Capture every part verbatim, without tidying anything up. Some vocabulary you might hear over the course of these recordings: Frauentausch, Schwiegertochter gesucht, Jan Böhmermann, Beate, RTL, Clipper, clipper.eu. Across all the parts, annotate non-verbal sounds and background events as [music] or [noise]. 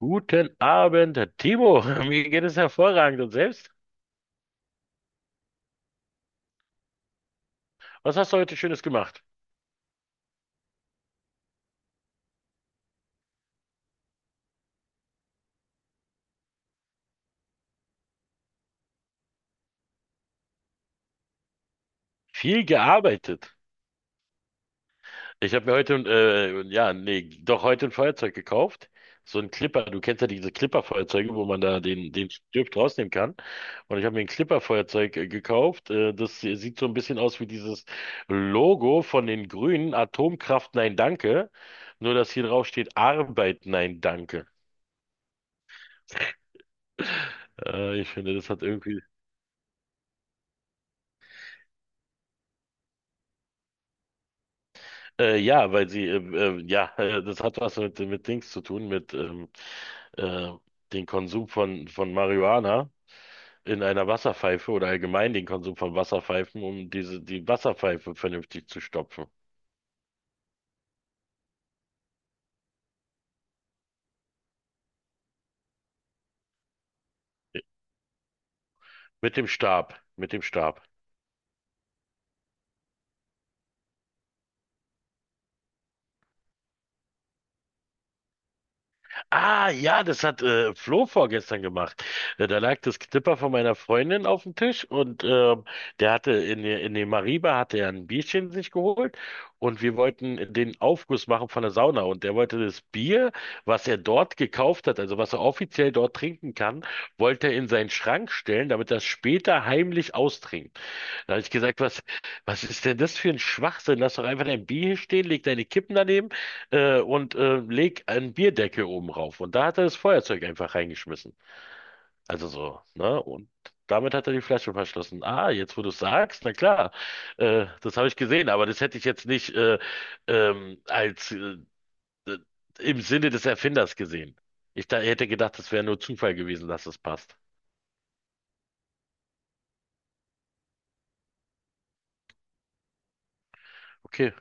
Guten Abend, Timo. [laughs] Mir geht es hervorragend, und selbst? Was hast du heute Schönes gemacht? Viel gearbeitet. Ich habe mir heute, äh, ja, nee, doch, heute ein Feuerzeug gekauft. So ein Clipper. Du kennst ja diese Clipper-Feuerzeuge, wo man da den, den Stift rausnehmen kann. Und ich habe mir ein Clipper-Feuerzeug äh, gekauft. Äh, das sieht so ein bisschen aus wie dieses Logo von den Grünen. Atomkraft, nein, danke. Nur, dass hier drauf steht: Arbeit, nein, danke. Äh, ich finde, das hat irgendwie Äh, ja, weil sie, ähm, äh, ja, [laughs] äh, das hat was mit, mit Dings zu tun, mit ähm, äh, dem Konsum von, von Marihuana in einer Wasserpfeife oder allgemein den Konsum von Wasserpfeifen, um diese, die Wasserpfeife vernünftig zu stopfen. Mit dem Stab, mit dem Stab. Ah, ja, das hat äh, Flo vorgestern gemacht. Äh, da lag das Knipper von meiner Freundin auf dem Tisch, und ähm, der hatte in, der- in dem Mariba hatte er ein Bierchen sich geholt, und wir wollten den Aufguss machen von der Sauna, und der wollte das Bier, was er dort gekauft hat, also was er offiziell dort trinken kann, wollte er in seinen Schrank stellen, damit er es später heimlich austrinkt. Da habe ich gesagt, was, was ist denn das für ein Schwachsinn? Lass doch einfach dein Bier hier stehen, leg deine Kippen daneben äh, und äh, leg einen Bierdeckel oben rauf. Und da hat er das Feuerzeug einfach reingeschmissen. Also so, ne? Und damit hat er die Flasche verschlossen. Ah, jetzt wo du es sagst, na klar, äh, das habe ich gesehen, aber das hätte ich jetzt nicht äh, ähm, als äh, äh, im Sinne des Erfinders gesehen. Ich da hätte gedacht, das wäre nur Zufall gewesen, dass es passt. Okay,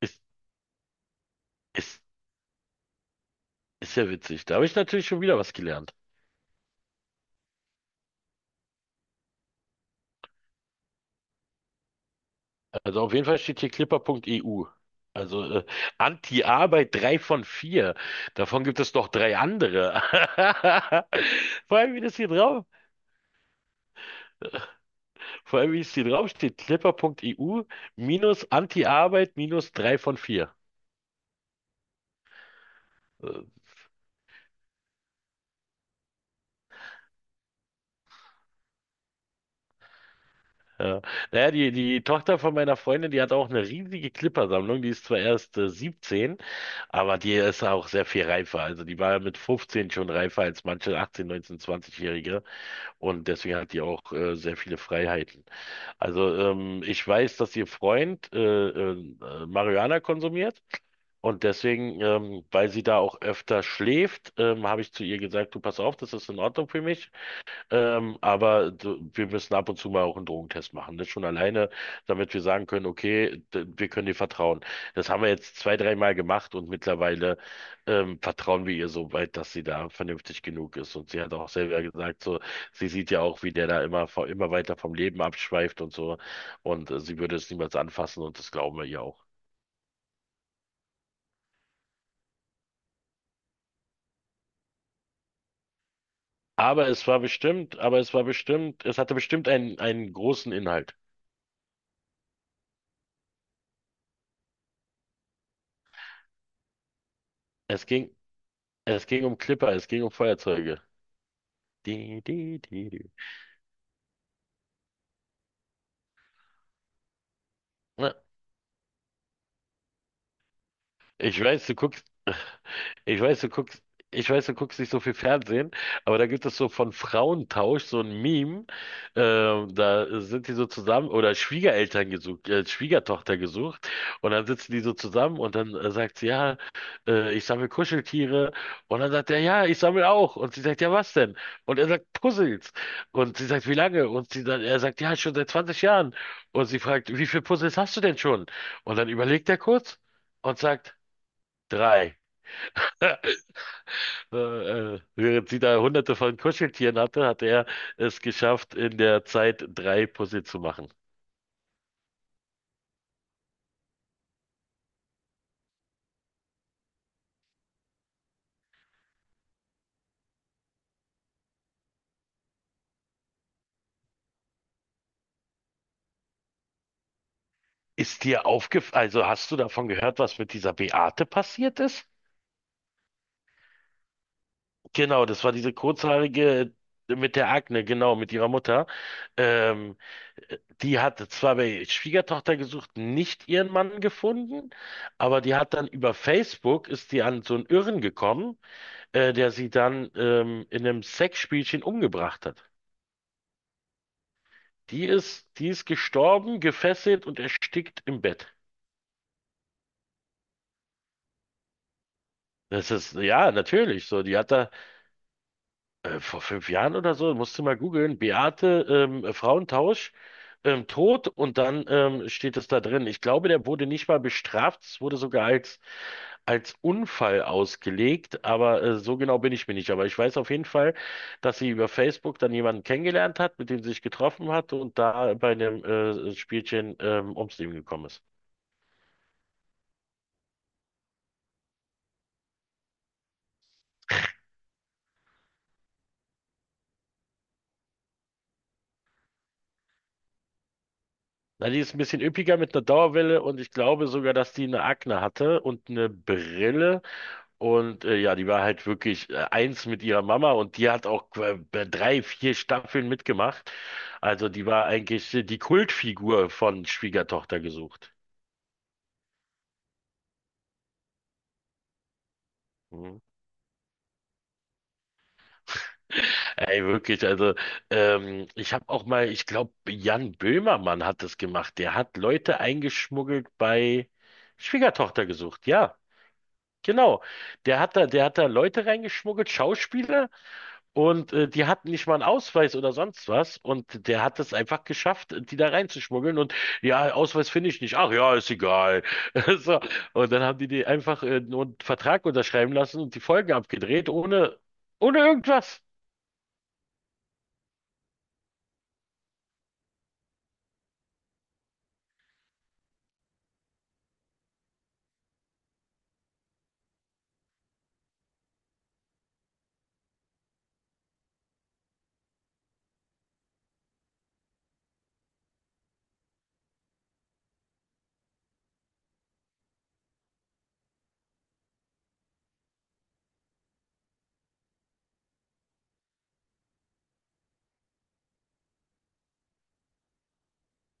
ist, ist, ist ja witzig. Da habe ich natürlich schon wieder was gelernt. Also auf jeden Fall steht hier clipper.eu. Also äh, Anti-Arbeit drei von vier. Davon gibt es noch drei andere. [laughs] Vor allem, wie das hier drauf, vor allem, wie es hier drauf steht, clipper.eu minus Anti-Arbeit minus drei von vier. Äh, ja. Naja, die, die Tochter von meiner Freundin, die hat auch eine riesige Clipper-Sammlung. Die ist zwar erst äh, siebzehn, aber die ist auch sehr viel reifer. Also die war mit fünfzehn schon reifer als manche achtzehn, neunzehn, zwanzig-Jährige. Und deswegen hat die auch äh, sehr viele Freiheiten. Also ähm, ich weiß, dass ihr Freund äh, äh, äh, Marihuana konsumiert, und deswegen, ähm, weil sie da auch öfter schläft, ähm, habe ich zu ihr gesagt, du pass auf, das ist in Ordnung für mich. Ähm, aber du, wir müssen ab und zu mal auch einen Drogentest machen. Das schon alleine, damit wir sagen können, okay, d- wir können dir vertrauen. Das haben wir jetzt zwei, dreimal gemacht, und mittlerweile ähm, vertrauen wir ihr so weit, dass sie da vernünftig genug ist. Und sie hat auch selber gesagt, so, sie sieht ja auch, wie der da immer, vo- immer weiter vom Leben abschweift und so. Und äh, sie würde es niemals anfassen, und das glauben wir ihr auch. Aber es war bestimmt, aber es war bestimmt, es hatte bestimmt einen, einen großen Inhalt. Es ging, es ging um Clipper, es ging um Feuerzeuge. Di, di, di, di. Na, Ich weiß, du guckst, ich weiß, du guckst, ich weiß, du guckst nicht so viel Fernsehen, aber da gibt es so von Frauentausch so ein Meme, ähm, da sind die so zusammen, oder Schwiegereltern gesucht, äh, Schwiegertochter gesucht, und dann sitzen die so zusammen, und dann äh, sagt sie, ja, äh, ich sammle Kuscheltiere, und dann sagt er, ja, ich sammle auch, und sie sagt, ja, was denn? Und er sagt, Puzzles, und sie sagt, wie lange? Und sie dann, er sagt, ja, schon seit zwanzig Jahren, und sie fragt, wie viele Puzzles hast du denn schon? Und dann überlegt er kurz und sagt: Drei. [laughs] Äh, äh, während sie da hunderte von Kuscheltieren hatte, hat er es geschafft, in der Zeit drei Puzzle zu machen. Ist dir aufgefallen, also hast du davon gehört, was mit dieser Beate passiert ist? Genau, das war diese kurzhaarige mit der Akne, genau, mit ihrer Mutter. Ähm, die hat zwar bei Schwiegertochter gesucht nicht ihren Mann gefunden, aber die hat dann über Facebook, ist die an so einen Irren gekommen, äh, der sie dann ähm, in einem Sexspielchen umgebracht hat. Die ist, die ist gestorben, gefesselt und erstickt im Bett. Das ist, ja, natürlich. So, die hat da äh, vor fünf Jahren oder so, musst du mal googeln, Beate ähm, Frauentausch, ähm, tot, und dann ähm, steht es da drin. Ich glaube, der wurde nicht mal bestraft, es wurde sogar als, als Unfall ausgelegt, aber äh, so genau bin ich mir nicht. Aber ich weiß auf jeden Fall, dass sie über Facebook dann jemanden kennengelernt hat, mit dem sie sich getroffen hat, und da bei einem äh, Spielchen ähm, ums Leben gekommen ist. Na, die ist ein bisschen üppiger mit einer Dauerwelle, und ich glaube sogar, dass die eine Akne hatte und eine Brille. Und äh, ja, die war halt wirklich äh, eins mit ihrer Mama, und die hat auch äh, drei, vier Staffeln mitgemacht. Also die war eigentlich äh, die Kultfigur von Schwiegertochter gesucht. Mhm. Ey, wirklich, also ähm, ich habe auch mal, ich glaube, Jan Böhmermann hat das gemacht. Der hat Leute eingeschmuggelt bei Schwiegertochter gesucht, ja. Genau, der hat da, der hat da Leute reingeschmuggelt, Schauspieler, und äh, die hatten nicht mal einen Ausweis oder sonst was, und der hat es einfach geschafft, die da reinzuschmuggeln. Und ja, Ausweis finde ich nicht. Ach ja, ist egal. [laughs] So, und dann haben die die einfach äh, nur einen Vertrag unterschreiben lassen und die Folgen abgedreht, ohne, ohne irgendwas.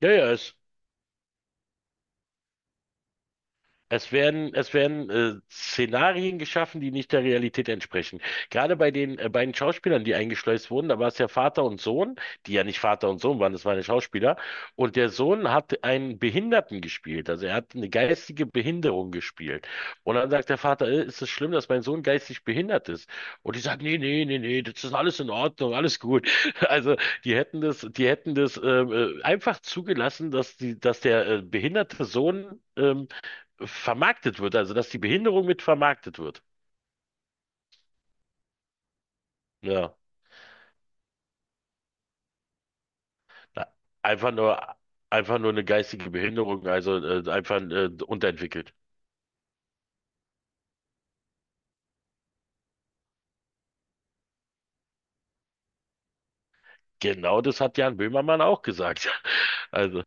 Ja, ja, ist Es werden, es werden äh, Szenarien geschaffen, die nicht der Realität entsprechen. Gerade bei den äh, beiden Schauspielern, die eingeschleust wurden, da war es ja Vater und Sohn, die ja nicht Vater und Sohn waren, das waren ja Schauspieler. Und der Sohn hat einen Behinderten gespielt, also er hat eine geistige Behinderung gespielt. Und dann sagt der Vater, äh, ist es schlimm, dass mein Sohn geistig behindert ist? Und die sagen, nee, nee, nee, nee, das ist alles in Ordnung, alles gut. [laughs] Also die hätten das, die hätten das ähm, äh, einfach zugelassen, dass die, dass der äh, behinderte Sohn ähm, vermarktet wird, also dass die Behinderung mit vermarktet wird. Ja, na, einfach nur, einfach nur eine geistige Behinderung, also äh, einfach äh, unterentwickelt. Genau das hat Jan Böhmermann auch gesagt. [laughs] Also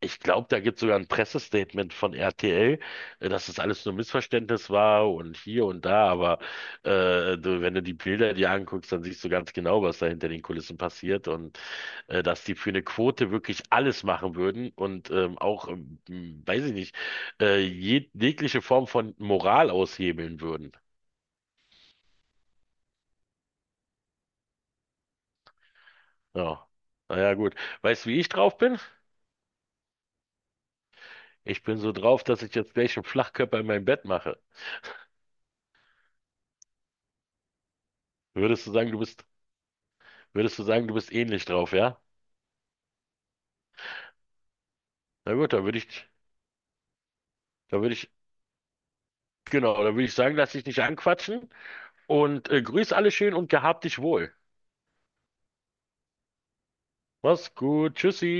ich glaube, da gibt es sogar ein Pressestatement von R T L, äh, dass das alles nur Missverständnis war und hier und da, aber äh, du, wenn du die Bilder dir anguckst, dann siehst du ganz genau, was da hinter den Kulissen passiert, und äh, dass die für eine Quote wirklich alles machen würden, und ähm, auch, ähm, hm, weiß ich nicht, äh, jeg- jegliche Form von Moral aushebeln würden. Ja. Naja, gut. Weißt du, wie ich drauf bin? Ich bin so drauf, dass ich jetzt gleich einen Flachkörper in mein Bett mache. Würdest du sagen, du bist, würdest du sagen, du bist ähnlich drauf, ja? Na gut, da würde ich, da würde ich, genau, da würde ich sagen, lass dich nicht anquatschen und äh, grüß alle schön und gehabt dich wohl. Mach's gut, tschüssi.